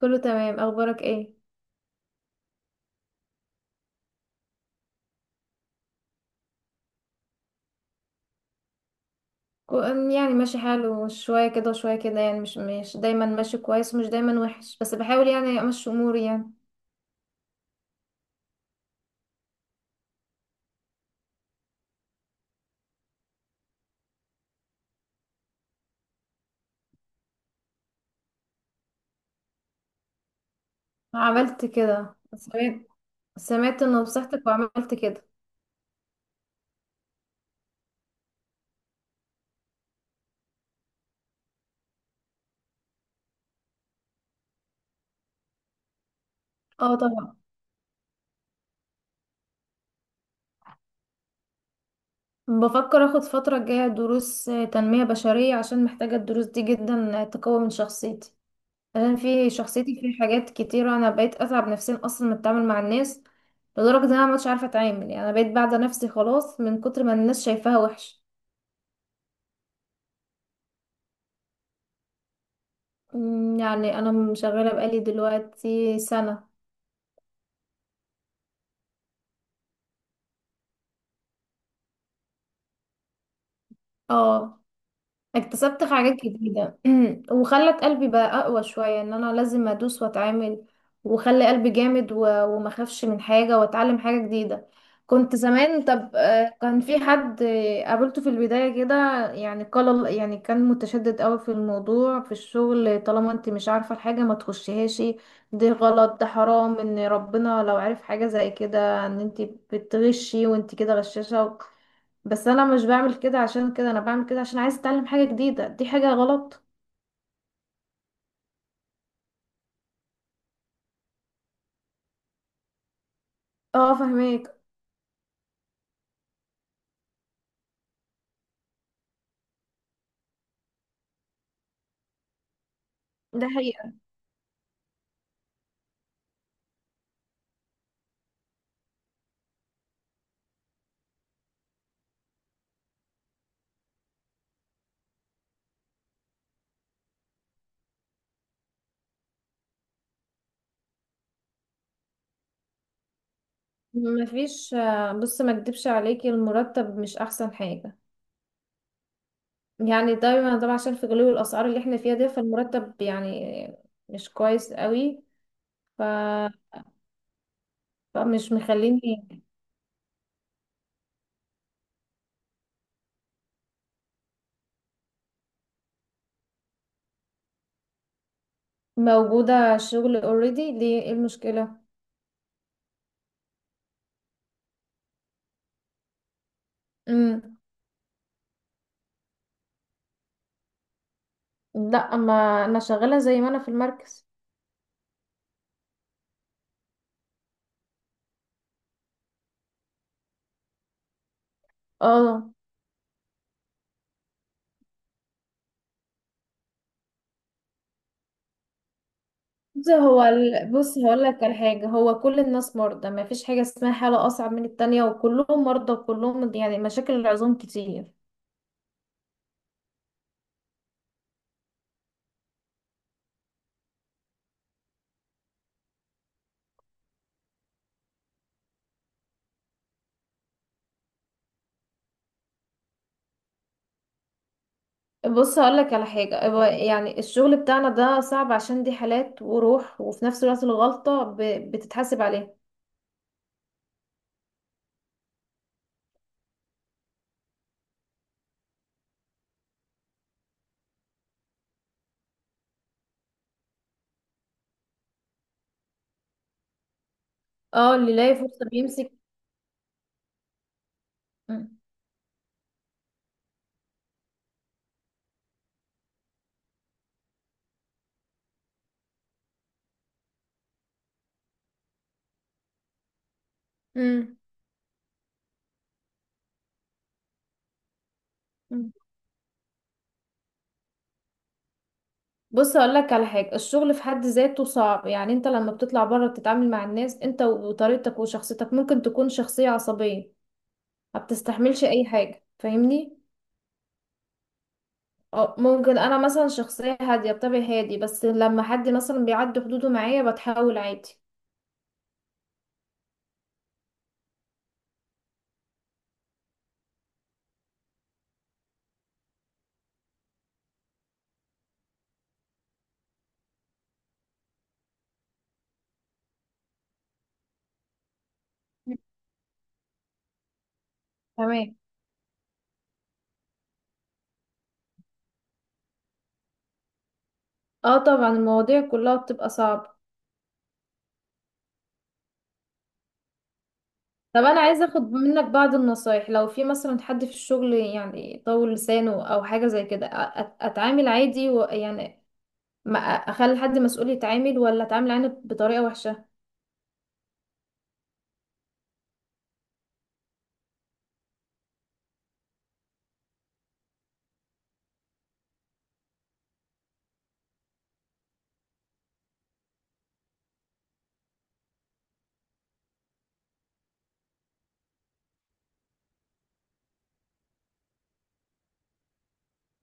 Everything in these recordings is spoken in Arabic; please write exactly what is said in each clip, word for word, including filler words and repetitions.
كله تمام، اخبارك ايه؟ كو- أم يعني ماشي حاله، شوية كده وشوية كده، يعني مش مش دايما ماشي كويس ومش دايما وحش، بس بحاول يعني امشي اموري يعني. عملت كده، سمعت. سمعت نصيحتك وعملت كده. اه طبعا. بفكر اخد فترة الجاية دروس آه، تنمية بشرية، عشان محتاجة الدروس دي جدا، آه، تقوي من شخصيتي. عشان في شخصيتي في حاجات كتيرة، انا بقيت اتعب نفسيا اصلا من التعامل مع الناس. لدرجة ان انا مش عارفة اتعامل، يعني انا بقيت بعدة نفسي خلاص من كتر ما الناس شايفاها وحش. أمم، يعني انا شغاله بقالي دلوقتي سنه. اه، اكتسبت حاجات جديدة. وخلت قلبي بقى أقوى شوية، إن أنا لازم أدوس وأتعامل. وخلي قلبي جامد، و- وما أخافش من حاجة، وأتعلم حاجة جديدة. كنت زمان طب آه، كان في حد آه، قابلته في البداية كده. يعني قال، يعني كان متشدد قوي في الموضوع في الشغل، طالما انت مش عارفة الحاجة ما تخشيهاش، دي غلط، ده حرام، ان ربنا لو عارف حاجة زي كده ان انت بتغشي، وانت كده غشاشة. بس انا مش بعمل كده عشان كده، انا بعمل كده عشان عايزه اتعلم حاجه جديده، دي حاجه غلط. اه فهميك. ده حقيقة. مفيش. آه، بص، ما اكدبش عليكي، المرتب مش احسن حاجه. يعني دايما طبعا عشان في غلو الاسعار اللي احنا فيها دي، فالمرتب يعني مش كويس قوي. ف... فمش مخليني. موجوده شغل اوريدي، ليه، ايه المشكله؟ امم. لا، ما انا شغاله زي ما انا في المركز. اه. بص هو ال- بص هقول لك على حاجة، هو كل الناس مرضى، ما فيش حاجة اسمها حالة أصعب من التانية، وكلهم مرضى، وكلهم يعني مشاكل العظام كتير. بص هقول لك على حاجة، هو يعني الشغل بتاعنا ده صعب، عشان دي حالات وروح، وفي نفس الوقت الغلطة ب- بتتحاسب عليها. اه، اللي لاقي فرصة بيمسك. مم. مم. مم. بص هقول لك على حاجة، الشغل في حد ذاته صعب. يعني انت لما بتطلع بره بتتعامل مع الناس، انت وطريقتك وشخصيتك، ممكن تكون شخصية عصبية ما بتستحملش اي حاجة، فاهمني؟ أو ممكن انا مثلا شخصيه هاديه، بطبعي هادي، بس لما حد مثلا بيعدي حدوده معايا بتحاول عادي. تمام. اه طبعا، المواضيع كلها بتبقى صعبة. طب انا عايزه اخد منك بعض النصايح، لو في مثلا حد في الشغل يعني طول لسانه او حاجه زي كده، أ- أت- اتعامل عادي و يعني ما أ- اخلي حد مسؤول يتعامل، ولا اتعامل عادي بطريقه وحشه؟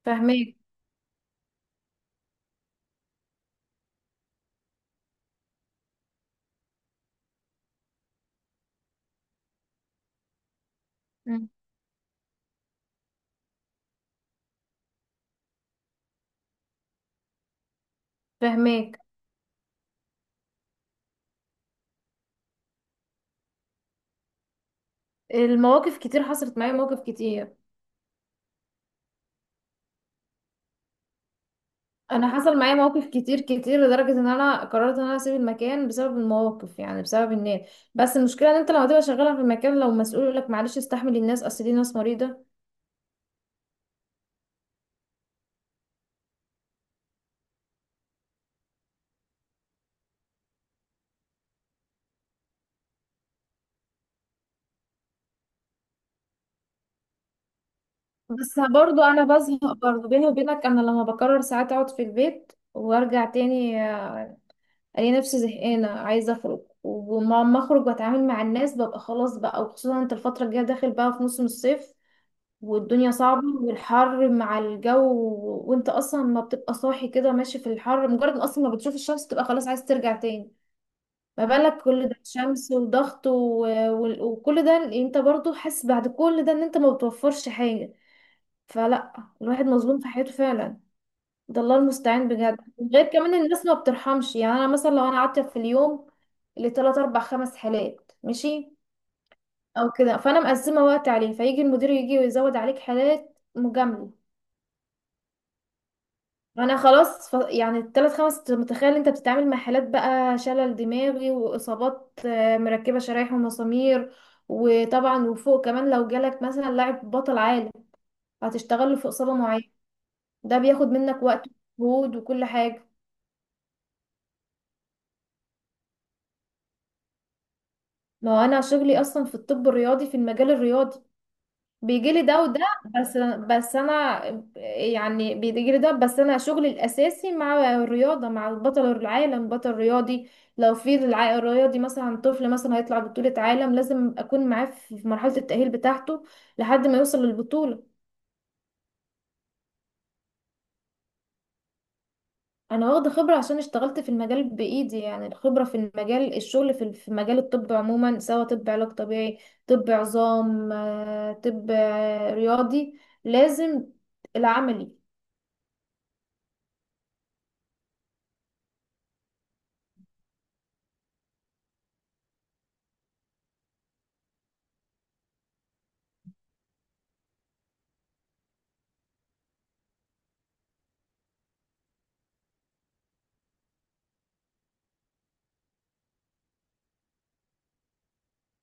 فاهماك. مم. فاهماك. المواقف كتير، حصلت معايا مواقف كتير. انا حصل معايا مواقف كتير كتير، لدرجه ان انا قررت ان انا اسيب المكان بسبب المواقف، يعني بسبب الناس. بس المشكله ان انت لما تبقى شغاله في المكان، لو مسؤول يقول لك معلش استحمل الناس، اصل دي ناس مريضه. بس برضو انا بزهق، برضو بيني وبينك انا لما بقرر ساعات اقعد في البيت وارجع تاني، آه، الاقي نفسي زهقانه عايزه اخرج، ولما اخرج واتعامل مع الناس ببقى خلاص بقى. وخصوصا انت الفتره الجايه داخل بقى في موسم الصيف، والدنيا صعبة، والحر مع الجو، و- وانت اصلا ما بتبقى صاحي كده ماشي في الحر، مجرد ما اصلا ما بتشوف الشمس تبقى خلاص عايز ترجع تاني. ما بالك كل ده شمس وضغط و... و... وكل ده، انت برضو حاسس بعد كل ده ان انت ما بتوفرش حاجة. فلا، الواحد مظلوم في حياته فعلا، ده الله المستعان بجد. غير كمان الناس ما بترحمش. يعني انا مثلا لو انا قعدت في اليوم اللي تلات اربع خمس حالات ماشي او كده، فانا مقسمة وقت عليه، فيجي المدير يجي ويزود عليك حالات مجاملة. انا خلاص. ف... يعني الثلاث خمس، أنت متخيل انت بتتعامل مع حالات بقى شلل دماغي، واصابات آه، مركبه شرايح ومسامير. وطبعا، وفوق كمان لو جالك مثلا لاعب بطل عالم، هتشتغل له في اصابه معينه، ده بياخد منك وقت ومجهود وكل حاجه. ما هو انا شغلي اصلا في الطب الرياضي، في المجال الرياضي بيجيلي ده وده. بس بس انا يعني بيجيلي ده، بس انا شغلي الاساسي مع الرياضه، مع بطل العالم، بطل رياضي. لو في الع- الرياضي مثلا طفل مثلا هيطلع بطوله عالم، لازم اكون معاه في في مرحله التاهيل بتاعته لحد ما يوصل للبطوله. انا واخده خبره عشان اشتغلت في المجال بايدي، يعني الخبره في المجال، الشغل في في مجال الطب عموما، سواء طب علاج طبيعي، طب عظام، آه، طب آه، رياضي، لازم العملي.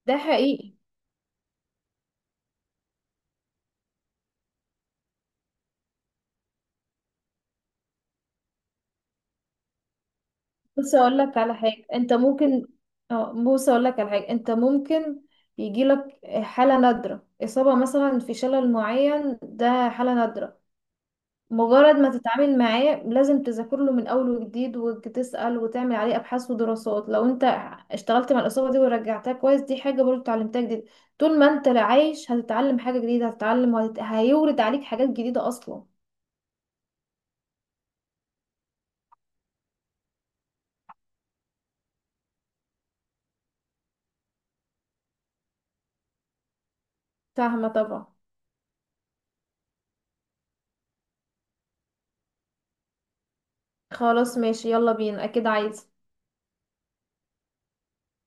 ده حقيقي. بص اقول لك على حاجه، انت ممكن، اه بص اقول لك على حاجه، انت ممكن يجي لك حاله نادره، اصابه مثلا في شلل معين، ده حاله نادره، مجرد ما تتعامل معاه لازم تذاكر له من اول وجديد، وتسال، وتعمل عليه ابحاث ودراسات. لو انت اشتغلت مع الاصابه دي ورجعتها كويس، دي حاجه برضو اتعلمتها جديد. طول ما انت عايش هتتعلم حاجه جديده، هتتعلم وهت... هيورد عليك حاجات جديده اصلا. فاهمه طبعا. خلاص ماشي يلا بينا، اكيد عايز.